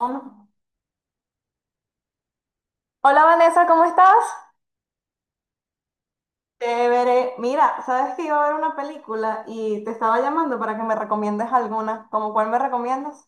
Um, Hola Vanessa, ¿cómo estás? Veré. Mira, sabes que iba a ver una película y te estaba llamando para que me recomiendes alguna. ¿Cómo cuál me recomiendas?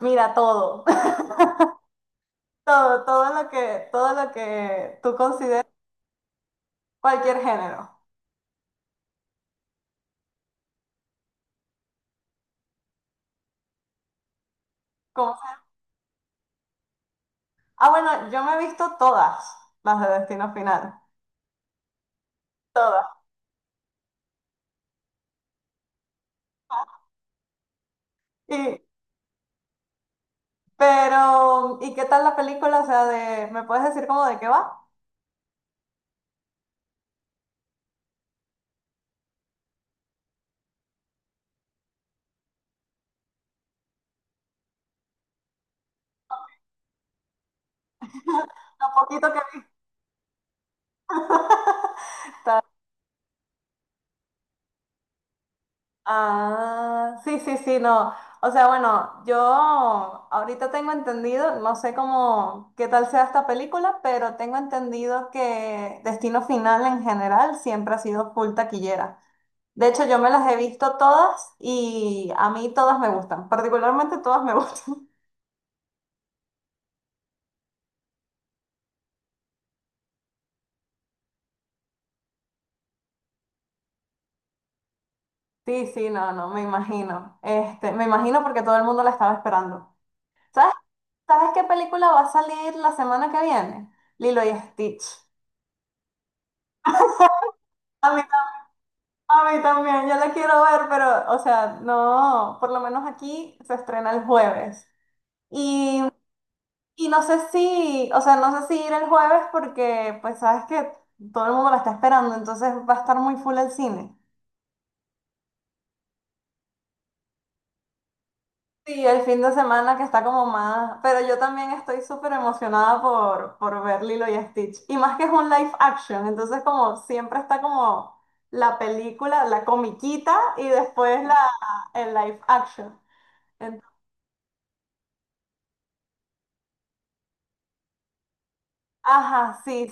Mira, todo. Todo, todo lo que tú consideres cualquier género. Como sea. Ah, bueno, yo me he visto todas las de Destino Final. Todas. Y, pero, ¿y qué tal la película? O sea, de, ¿me puedes decir cómo de qué va? Lo poquito que he visto. Ah, sí, sí, sí, no. O sea, bueno, yo ahorita tengo entendido, no sé cómo, qué tal sea esta película, pero tengo entendido que Destino Final en general siempre ha sido full taquillera. De hecho, yo me las he visto todas y a mí todas me gustan, particularmente todas me gustan. Sí, sí, no, no, me imagino. Este, me imagino porque todo el mundo la estaba esperando. ¿Sabes, ¿Sabes qué película va a salir la semana que viene? Lilo y Stitch. A mí también, yo la quiero ver, pero, o sea, no, por lo menos aquí se estrena el jueves. Y, y no sé si, o sea, no sé si ir el jueves porque, pues, sabes que todo el mundo la está esperando, entonces va a estar muy full el cine. Sí, el fin de semana que está como más, pero yo también estoy súper emocionada por ver Lilo y Stitch. Y más que es un live action, entonces como siempre está como la película, la comiquita y después la, el live action. Ajá, sí.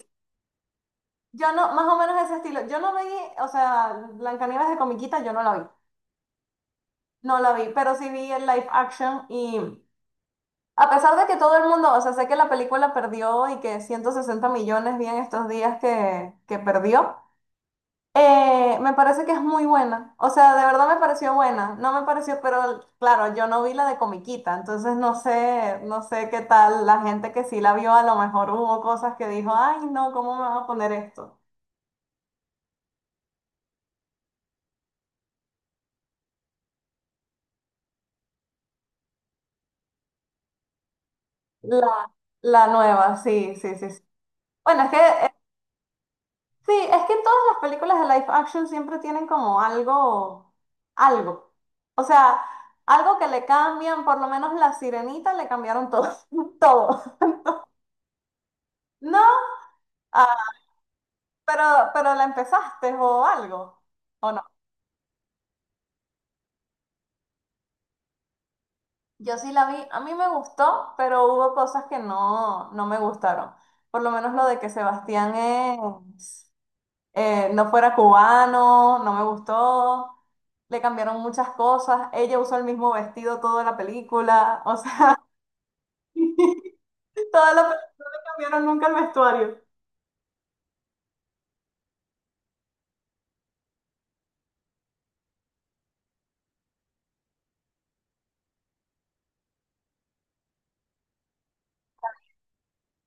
Yo no, más o menos ese estilo. Yo no vi, o sea, Blancanieves de comiquita, yo no la vi. No la vi, pero sí vi el live action y a pesar de que todo el mundo, o sea, sé que la película perdió y que 160 millones vi en estos días que perdió, me parece que es muy buena. O sea, de verdad me pareció buena. No me pareció, pero claro, yo no vi la de comiquita, entonces no sé, no sé qué tal la gente que sí la vio, a lo mejor hubo cosas que dijo, ay, no, ¿cómo me va a poner esto? La, la nueva, sí, sí, sí, sí. Bueno, es que, sí, es que todas las películas de live action siempre tienen como algo, algo. O sea, algo que le cambian, por lo menos la Sirenita le cambiaron todo, todo. No, ah, pero, pero la empezaste o algo, ¿o no? Yo sí la vi, a mí me gustó, pero hubo cosas que no, no me gustaron. Por lo menos lo de que Sebastián es... no fuera cubano, no me gustó, le cambiaron muchas cosas, ella usó el mismo vestido toda la película, o sea, toda la película cambiaron nunca el vestuario.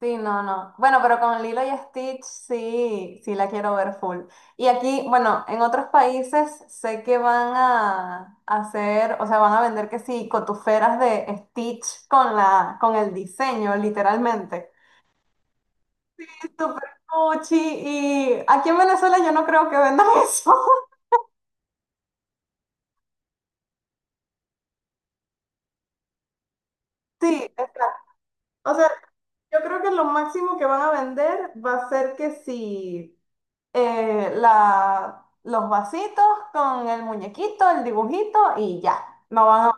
Sí, no, no. Bueno, pero con Lilo y Stitch sí, sí la quiero ver full. Y aquí, bueno, en otros países sé que van a hacer, o sea, van a vender que sí, cotuferas de Stitch con la, con el diseño, literalmente. Súper cuchi, y aquí en Venezuela yo no creo que vendan eso. Sí, exacto. O sea, yo creo que lo máximo que van a vender va a ser que si la, los vasitos con el muñequito, el dibujito y ya. No van a...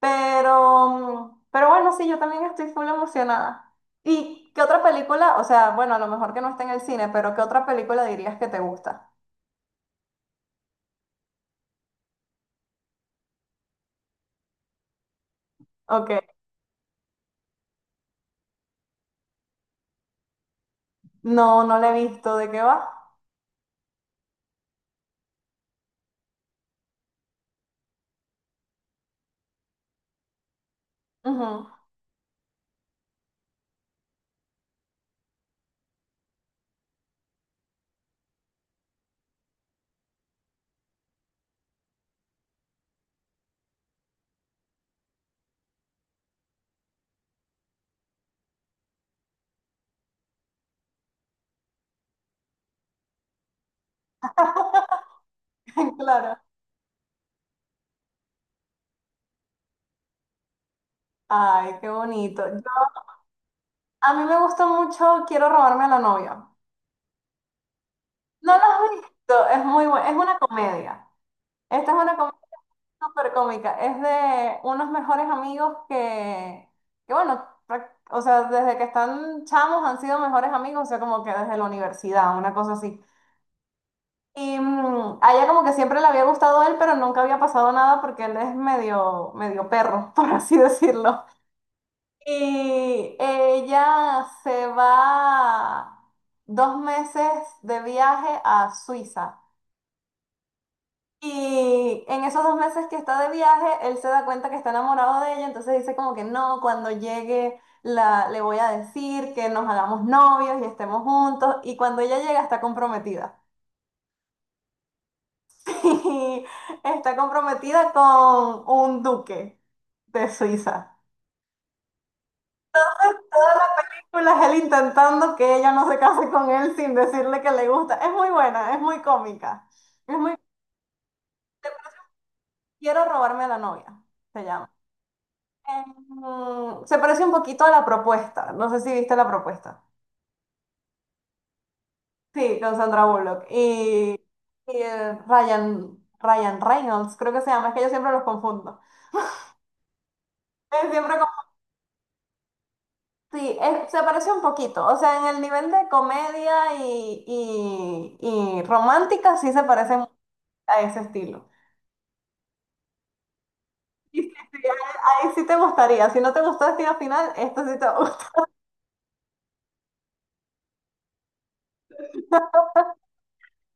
Pero, pero bueno, sí, yo también estoy full emocionada. ¿Y qué otra película? O sea, bueno, a lo mejor que no está en el cine, pero ¿qué otra película dirías que te gusta? Ok. No, no la he visto. ¿De qué va? Ujú. Claro. Ay, qué bonito. Yo- a mí me gusta mucho Quiero robarme a la novia. No la has visto, es muy buena, es una comedia. Esta es una comedia súper cómica. Es de unos mejores amigos que bueno, prac- o sea, desde que están chamos han sido mejores amigos, o sea, como que desde la universidad, una cosa así. Y a ella como que siempre le había gustado él, pero nunca había pasado nada porque él es medio, medio perro, por así decirlo. Y ella se va 2 meses de viaje a Suiza. Y en esos 2 meses que está de viaje, él se da cuenta que está enamorado de ella, entonces dice como que no, cuando llegue la, le voy a decir que nos hagamos novios y estemos juntos. Y cuando ella llega está comprometida. Y está comprometida con un duque de Suiza. Toda la película es él intentando que ella no se case con él sin decirle que le gusta. Es muy buena, es muy cómica. Es muy... Quiero robarme a la novia, se llama. Se parece un poquito a la propuesta. No sé si viste la propuesta. Sí, con Sandra Bullock. Y, Ryan Reynolds, creo que se llama. Es que yo siempre los confundo. Es siempre como- Sí, es- se parece un poquito. O sea, en el nivel de comedia y, y romántica sí se parece mucho a ese estilo. Y sí, sí, ahí sí te gustaría. Si no te gustó Destino Final, esto sí te gusta.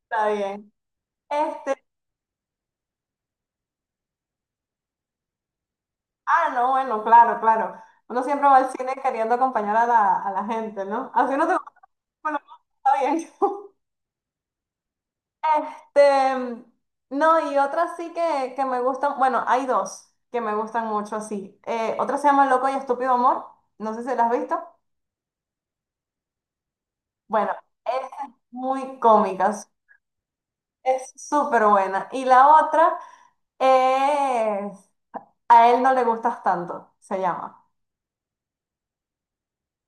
Está bien. Este Ah, no, bueno, claro, claro. Uno siempre va al cine queriendo acompañar a la gente, ¿no? Así no te gusta, bueno, está bien. Este, no, y otra sí que me gustan, bueno, hay dos que me gustan mucho así. Otra se llama Loco y Estúpido Amor, no sé si la has visto. Bueno, esa es muy cómica, es súper buena. Y la otra es A él no le gustas tanto, se llama.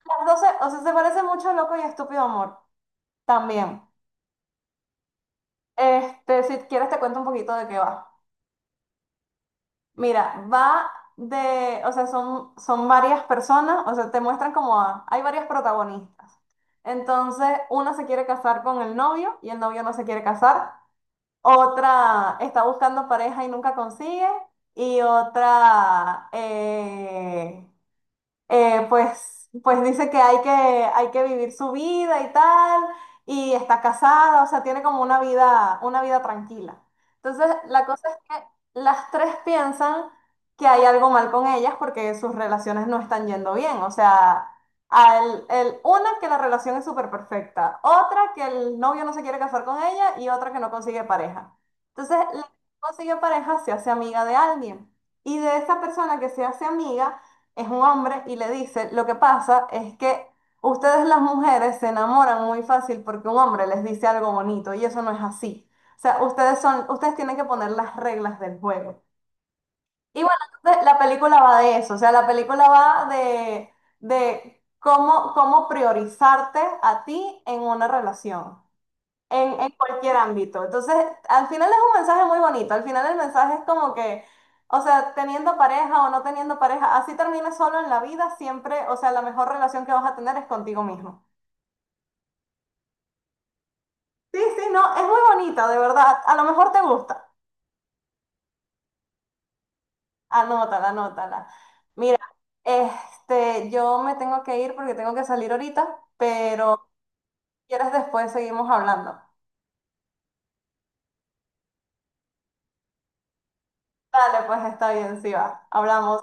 Las dos, se- o sea, se parece mucho a Loco y Estúpido Amor, también. Este, si quieres te cuento un poquito de qué va. Mira, va de, o sea, son, son varias personas, o sea, te muestran como a- hay varias protagonistas. Entonces, una se quiere casar con el novio y el novio no se quiere casar. Otra está buscando pareja y nunca consigue. Y otra, pues, pues dice que hay que, hay que vivir su vida y tal, y está casada, o sea, tiene como una vida tranquila. Entonces, la cosa es que las tres piensan que hay algo mal con ellas porque sus relaciones no están yendo bien. O sea, al, el, una que la relación es súper perfecta, otra que el novio no se quiere casar con ella y otra que no consigue pareja. Entonces, la que no consigue pareja se hace amiga de alguien. Y de esa persona que se hace amiga, es un hombre y le dice, lo que pasa es que ustedes las mujeres se enamoran muy fácil porque un hombre les dice algo bonito y eso no es así. O sea, ustedes son, ustedes tienen que poner las reglas del juego. Y bueno, entonces la película va de eso, o sea, la película va de cómo, cómo priorizarte a ti en una relación en cualquier ámbito. Entonces, al final es un mensaje muy bonito. Al final el mensaje es como que, o sea, teniendo pareja o no teniendo pareja, así termines solo en la vida, siempre, o sea, la mejor relación que vas a tener es contigo mismo. Sí, sí, no, es muy bonita, de verdad. A lo mejor te gusta. Anótala, anótala. Mira, este, yo me tengo que ir porque tengo que salir ahorita, pero si quieres después seguimos hablando. Dale, pues está bien, sí va. Hablamos.